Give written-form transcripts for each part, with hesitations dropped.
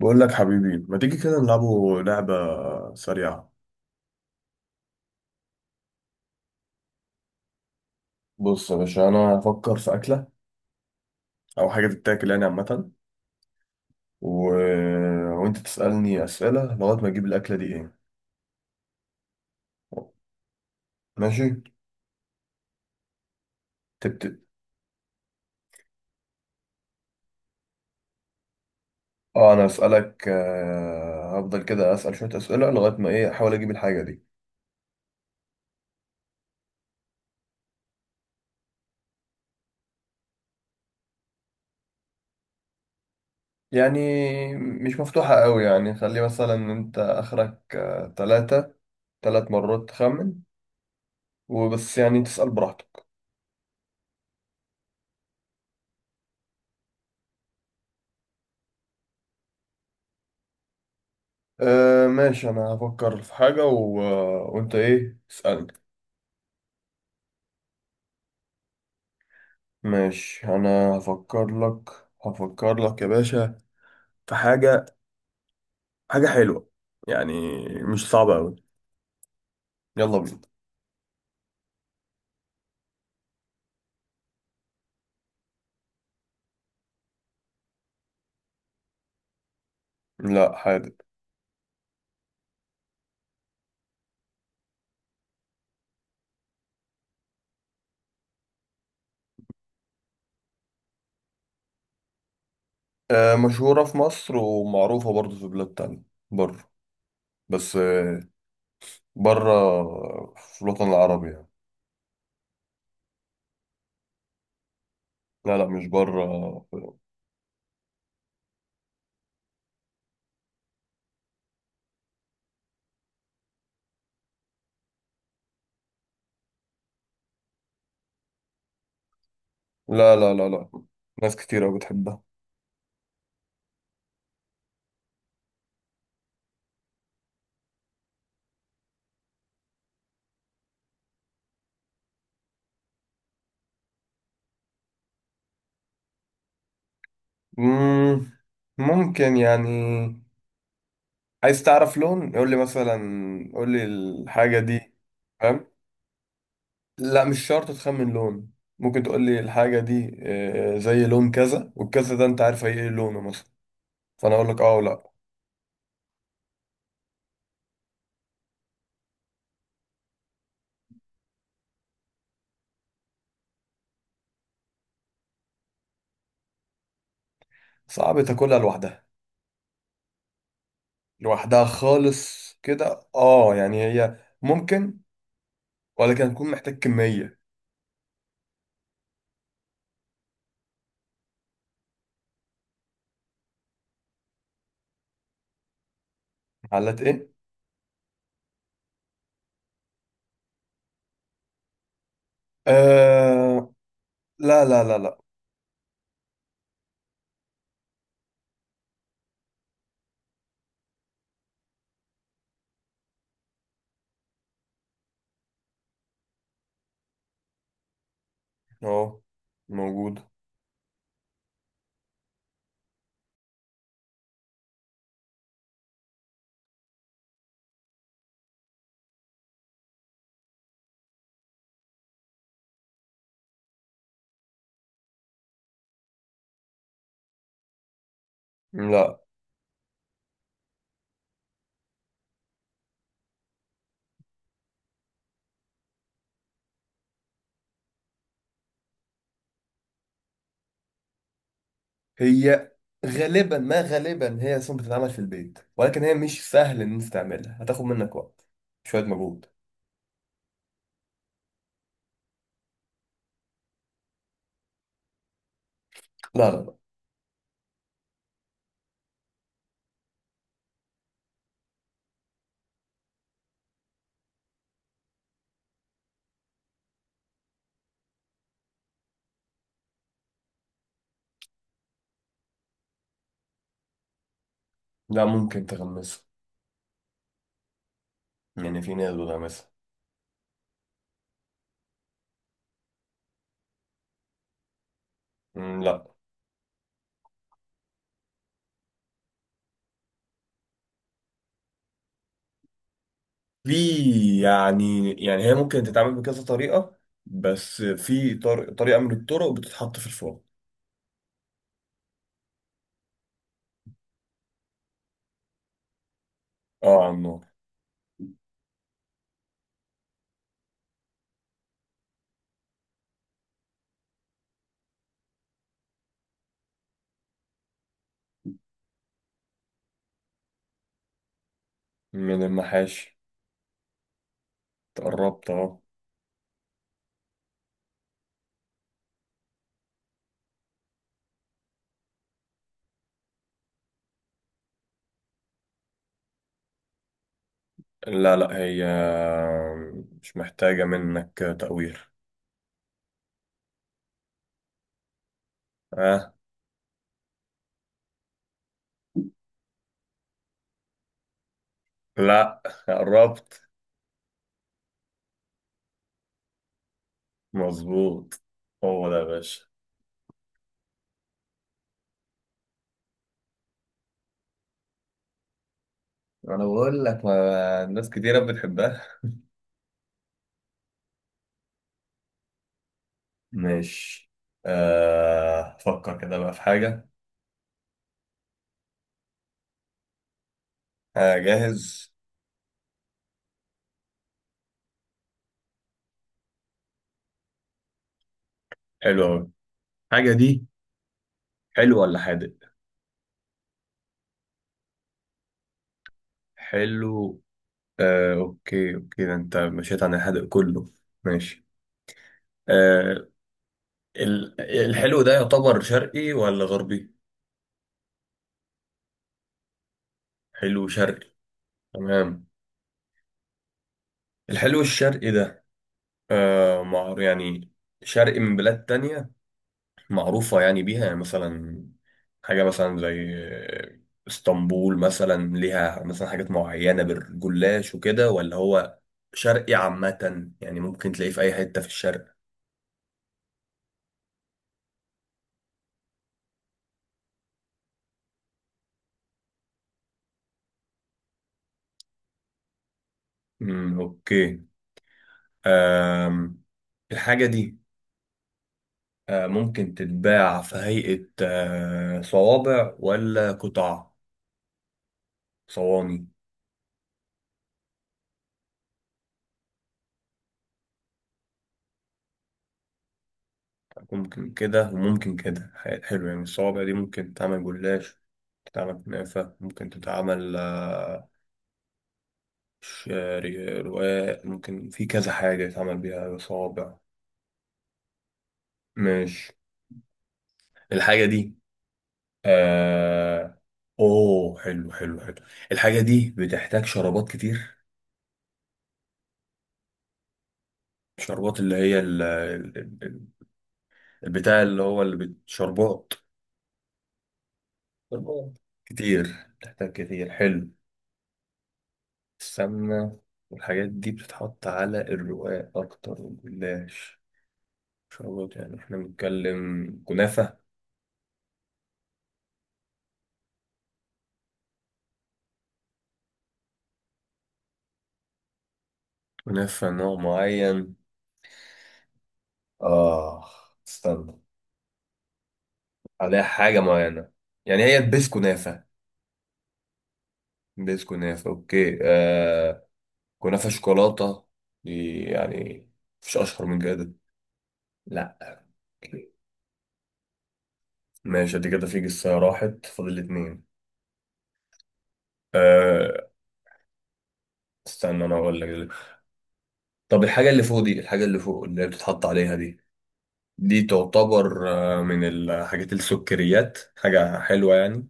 بقول لك حبيبي ما تيجي كده نلعبوا لعبة سريعة. بص يا باشا أنا هفكر في أكلة أو حاجة تتاكل يعني عامة و... آه، وأنت تسألني أسئلة لغاية ما أجيب الأكلة دي إيه. ماشي تبت. أه أنا أسألك، هفضل كده أسأل شوية أسئلة لغاية ما إيه أحاول أجيب الحاجة دي. يعني مش مفتوحة قوي، يعني خلي مثلا أنت آخرك تلاتة، تلات مرات تخمن. وبس، يعني تسأل براحتك. أه ماشي، انا هفكر في حاجة. وانت ايه اسألني. ماشي انا هفكر لك. هفكر لك يا باشا في حاجة، حاجة حلوة، يعني مش صعبة أوي. يلا بينا. لا حادق. أه مشهورة في مصر ومعروفة برضو في بلاد تانية بره، بس أه بره في الوطن العربي يعني. لا مش بره. لا، ناس كتير أوي بتحبها. مم، ممكن يعني عايز تعرف لون يقول لي مثلا، قول لي الحاجة دي. فاهم. لا مش شرط تخمن لون، ممكن تقول لي الحاجة دي زي لون كذا والكذا ده انت عارف هي ايه لونه مثلا، فانا اقول لك اه ولا. صعب تاكلها لوحدها. لوحدها خالص كده اه، يعني هي ممكن ولكن هتكون محتاج كمية. علات ايه؟ آه، لا. اهو موجود. لا هي غالبا، ما غالبا هي اصلا بتتعمل في البيت، ولكن هي مش سهل ان انت تعملها، هتاخد منك وقت، شويه مجهود. لا لا لا لا، ممكن تغمسها، يعني في ناس بتغمسها. مم، لا. في، يعني يعني هي ممكن تتعمل بكذا طريقه، بس في طريقه من الطرق بتتحط في الفرن. اه على النار. من المحاشي. تقربت اه. لا، لا هي مش محتاجه منك تقوير. اه لا، قربت. مظبوط، هو ده يا باشا. انا بقول لك ما الناس كتيرة بتحبها. ماشي، فكر كده بقى في حاجة. جاهز. حلو أوي الحاجة دي، حلو ولا حادق. حلو. أوكي، ده أنت مشيت عن الحادق كله. ماشي. آه، الحلو ده يعتبر شرقي ولا غربي. حلو شرقي. تمام. الحلو الشرقي ده مع يعني شرقي من بلاد تانية معروفة يعني بيها، يعني مثلا حاجة مثلا زي اسطنبول مثلا ليها مثلا حاجات معينة بالجلاش وكده، ولا هو شرقي عامة يعني ممكن تلاقيه في أي حتة في الشرق. اوكي. أم. الحاجة دي ممكن تتباع في هيئة صوابع ولا قطع، صواني. ممكن كده وممكن كده، حلو، يعني الصوابع دي ممكن تتعمل جلاش، تتعمل كنافة، ممكن تتعمل شعري رواق، ممكن في كذا حاجة يتعمل بيها صوابع. ماشي. الحاجة دي آه... اوه حلو، الحاجة دي بتحتاج شرابات كتير. شربات اللي هي ال- البتاع اللي هو شربات. شربات كتير، بتحتاج كتير، حلو، السمنة والحاجات دي بتتحط على الرقاق أكتر والجلاش. شربات، يعني احنا بنتكلم كنافة. كنافة نوع معين. آه استنى. عليها حاجة معينة، يعني هي البيس كنافة. بيس كنافة أوكي آه، كنافة شوكولاتة دي، يعني مفيش أشهر من كده. لا. ماشي، دي كده في جسة راحت فاضل اتنين. آه استنى أنا أقول لك دلوقتي. طب الحاجة اللي فوق دي، الحاجة اللي فوق اللي هي بتتحط عليها دي، دي تعتبر من الحاجات السكريات، حاجة حلوة يعني.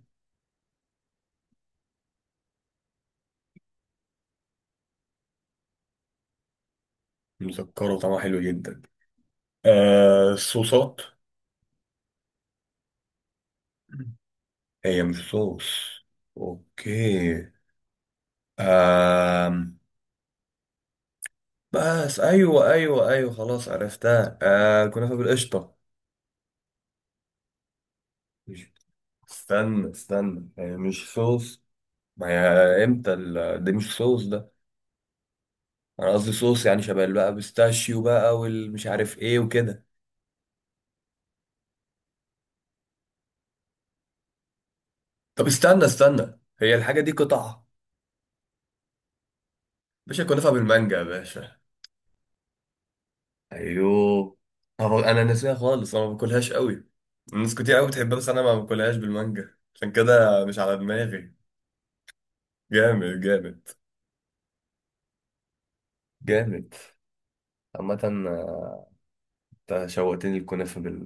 مسكرة وطعمها حلو جدا. آه الصوصات. هي مش صوص. اوكي. آم. بس ايوه خلاص عرفتها، آه كنافه بالقشطه. مش- استنى هي مش صوص. ما هي امتى ده مش صوص ده، انا قصدي صوص يعني شبه اللي بقى بيستاشيو بقى والمش عارف ايه وكده. طب استنى هي الحاجه دي قطعه. باشا كنافه بالمانجا يا باشا. ايوه. طبعا انا ناسيها خالص، انا ما باكلهاش قوي، الناس كتير قوي بتحبها بس انا ما باكلهاش بالمانجا عشان كده مش على دماغي. جامد. جامد عامة آه، انت شوقتني الكنافة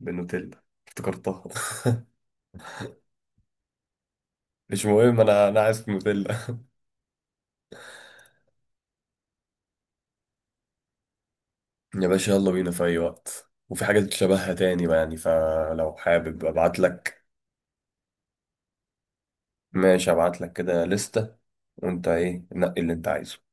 بالنوتيلا افتكرتها. مش مهم، انا عايز نوتيلا. يا باشا يلا بينا في اي وقت، وفي حاجات شبهها تاني بقى يعني، فلو حابب ابعت لك. ماشي ابعت لك كده لستة، وانت ايه نقي اللي انت عايزه.